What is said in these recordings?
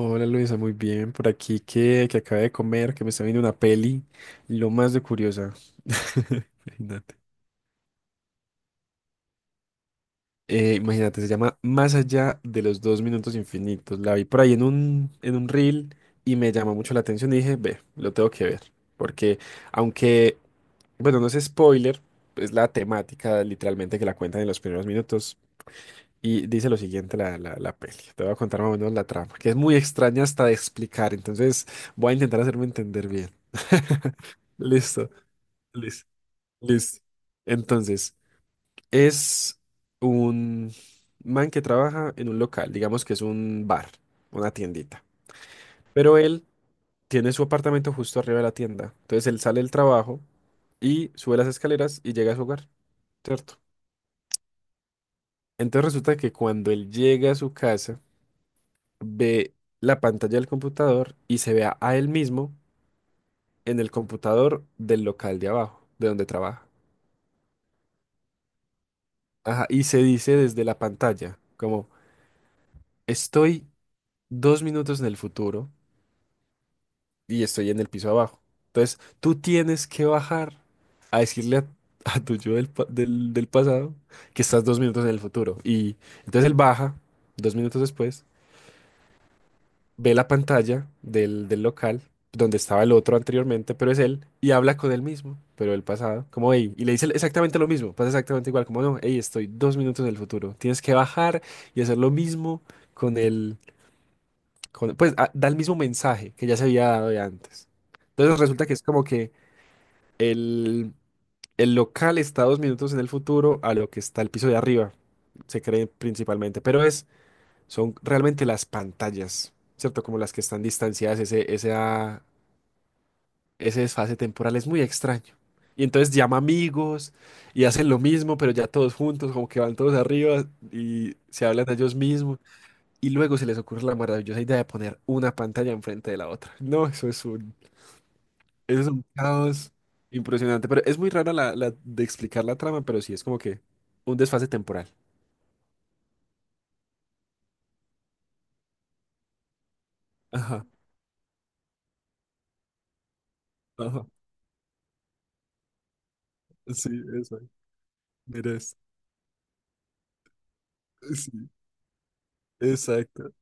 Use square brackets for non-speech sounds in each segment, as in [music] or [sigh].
Hola Luisa, muy bien. Por aquí que acabé de comer, que me está viendo una peli, lo más de curiosa. [laughs] Imagínate. Imagínate, se llama Más allá de los dos minutos infinitos. La vi por ahí en un reel y me llamó mucho la atención y dije, ve, lo tengo que ver. Porque aunque, bueno, no es spoiler, es la temática literalmente que la cuentan en los primeros minutos. Y dice lo siguiente la peli. Te voy a contar más o menos la trama, que es muy extraña hasta de explicar. Entonces voy a intentar hacerme entender bien. [laughs] Listo, listo, listo. Entonces, es un man que trabaja en un local, digamos que es un bar, una tiendita. Pero él tiene su apartamento justo arriba de la tienda. Entonces él sale del trabajo y sube las escaleras y llega a su hogar, ¿cierto? Entonces resulta que cuando él llega a su casa, ve la pantalla del computador y se vea a él mismo en el computador del local de abajo, de donde trabaja. Ajá, y se dice desde la pantalla, como estoy dos minutos en el futuro y estoy en el piso abajo. Entonces, tú tienes que bajar a decirle a, [laughs] a tu yo del, pa- del del pasado que estás dos minutos en el futuro. Y entonces él baja dos minutos después. Ve la pantalla del local donde estaba el otro anteriormente, pero es él, y habla con él mismo, pero el pasado, como hey, y le dice exactamente lo mismo, pasa exactamente igual, como no, hey, estoy dos minutos en el futuro, tienes que bajar y hacer lo mismo con el, con, pues da el mismo mensaje que ya se había dado de antes. Entonces resulta que es como que el, el local está dos minutos en el futuro a lo que está el piso de arriba, se cree principalmente, pero es son realmente las pantallas, ¿cierto? Como las que están distanciadas, ese desfase temporal es muy extraño. Y entonces llama amigos y hacen lo mismo, pero ya todos juntos, como que van todos arriba y se hablan a ellos mismos. Y luego se les ocurre la maravillosa idea de poner una pantalla enfrente de la otra. No, eso es un caos impresionante. Pero es muy rara la de explicar la trama, pero sí es como que un desfase temporal. Ajá, ajá. Sí, eso. Mira, sí, exacto.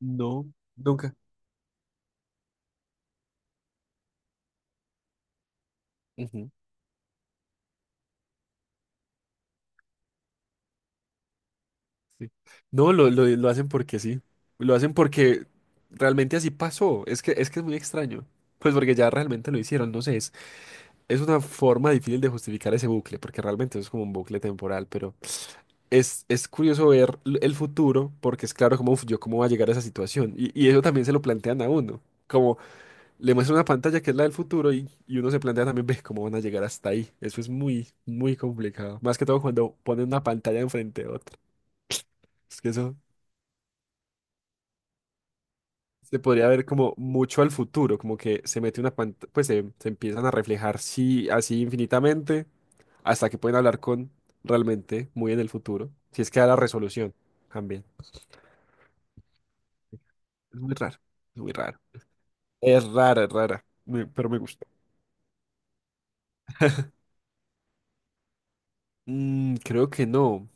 No, nunca. Ujú, sí. No, lo hacen porque sí. Lo hacen porque realmente así pasó. Es que es muy extraño. Pues porque ya realmente lo hicieron, no sé, es una forma difícil de justificar ese bucle, porque realmente es como un bucle temporal, pero es curioso ver el futuro, porque es claro como, "Uf, yo cómo va a llegar a esa situación", y eso también se lo plantean a uno, como le muestra una pantalla que es la del futuro y uno se plantea también, ve cómo van a llegar hasta ahí. Eso es muy, muy complicado. Más que todo cuando ponen una pantalla enfrente de otra. Es que eso se podría ver como mucho al futuro, como que se mete una pantalla, pues se empiezan a reflejar sí, así infinitamente hasta que pueden hablar con realmente muy en el futuro. Si es que da la resolución también. Es muy raro, es muy raro. Es rara, pero me gusta. Mm, creo que no.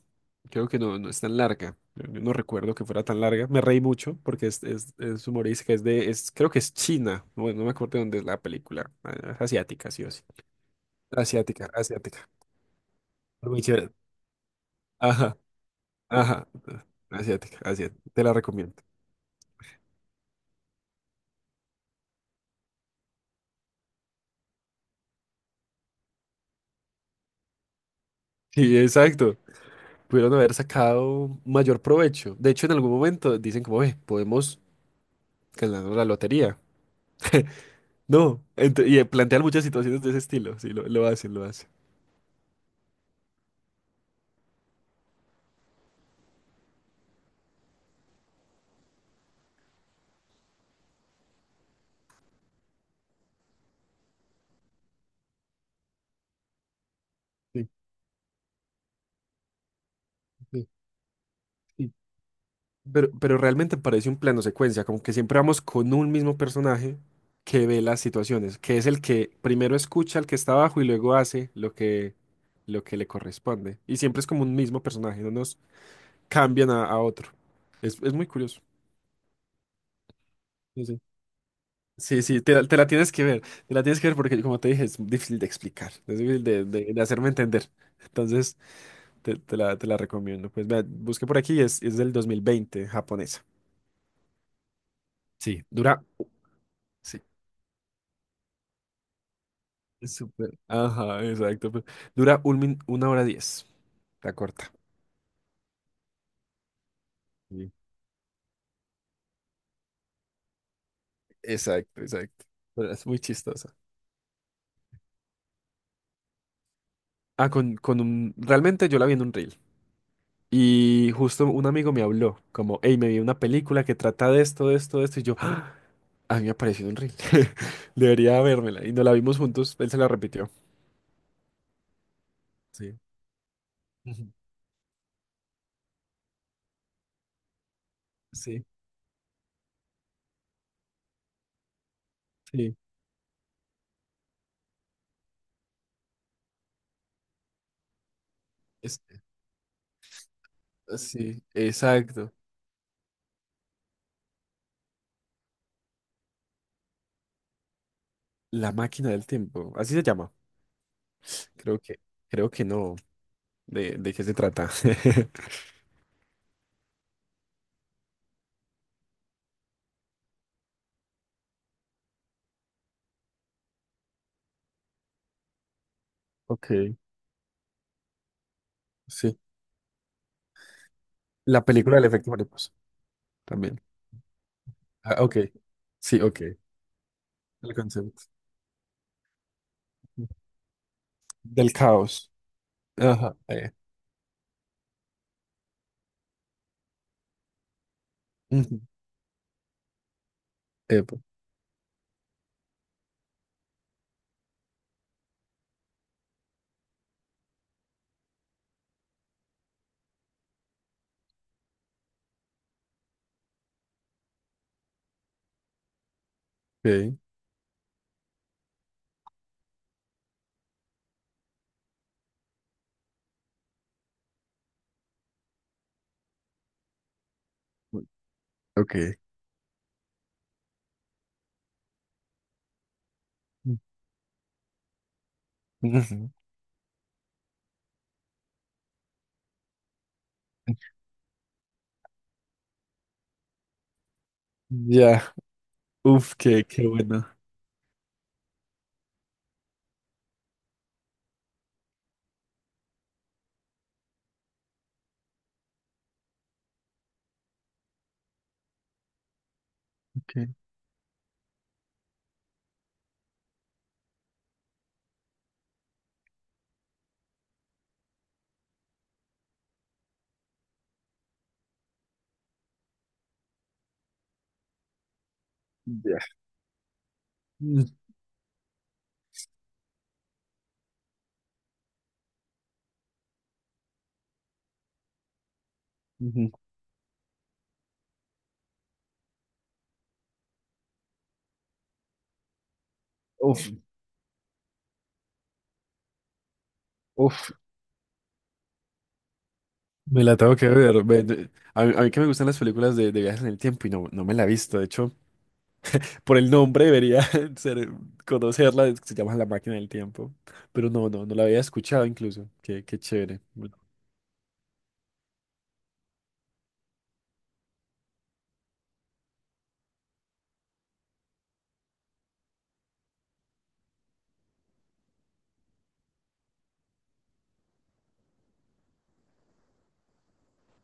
Creo que no, no es tan larga. Yo no recuerdo que fuera tan larga. Me reí mucho porque es humorística, es creo que es China. Bueno, no me acuerdo de dónde es la película. Es asiática, sí o sí. Asiática, asiática. Muy chévere. Ajá, ajá. Asiática, asiática. Te la recomiendo. Sí, exacto. Pudieron haber sacado mayor provecho. De hecho, en algún momento dicen como, "Ve, podemos ganar la lotería". [laughs] No, y plantean muchas situaciones de ese estilo. Sí, lo hacen, lo hacen. Sí, sí. Sí. Pero realmente parece un plano secuencia, como que siempre vamos con un mismo personaje que ve las situaciones, que es el que primero escucha al que está abajo y luego hace lo que le corresponde. Y siempre es como un mismo personaje, no nos cambian a otro. Es muy curioso. Sí, sí, sí, sí, te la tienes que ver, te la tienes que ver porque, como te dije, es difícil de explicar, es difícil de hacerme entender. Entonces, te la recomiendo. Pues vea, busqué por aquí, es del 2020, japonesa. Sí. Dura, sí. Es súper. Ajá, exacto. Dura una hora diez. Está corta. Sí. Exacto, exacto. Pero es muy chistosa. Realmente yo la vi en un reel. Y justo un amigo me habló, como, hey, me vi una película que trata de esto, de esto, de esto. Y yo, "Ah, a mí me apareció en un reel". [laughs] Debería vérmela. Y nos la vimos juntos. Él se la repitió. Sí. Ujú. Sí, sí. Es, sí, exacto. La máquina del tiempo. Así se llama. Creo que, creo que no. ¿De qué se trata? [laughs] Ok, sí. La película del efecto mariposa. También. Ah, ok, sí, ok. El concepto. Del caos. Ajá. Ujú, epa, ok. Ok. Ujú. Ya. Uf, qué bueno. Ok. Ya. Mm, Ujú. Uf, uf. Me la tengo que ver. A mí que me gustan las películas de viajes en el tiempo y no me la he visto. De hecho, por el nombre debería [laughs] ser, conocerla, es que se llama La Máquina del Tiempo. Pero no la había escuchado incluso. Qué chévere. Bueno,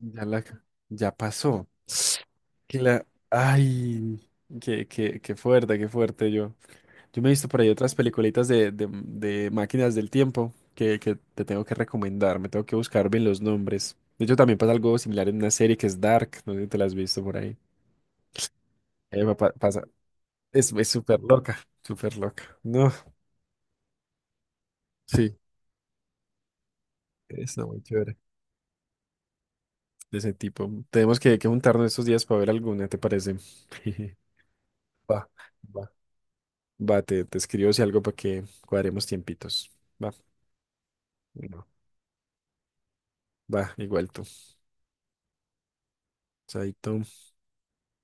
Ya la, ya pasó. Ay, qué fuerte, qué fuerte yo. Yo me he visto por ahí otras peliculitas de máquinas del tiempo que te tengo que recomendar. Me tengo que buscar bien los nombres. De hecho, también pasa algo similar en una serie que es Dark. No sé si te la has visto por ahí. Pasa. Es súper loca, súper loca. No, sí. Está muy chévere. De ese tipo. Tenemos que juntarnos estos días para ver alguna, ¿te parece? [laughs] Va, va. Va, te escribo si algo para que cuadremos tiempitos. Va, no, va, igual tú. Chaito.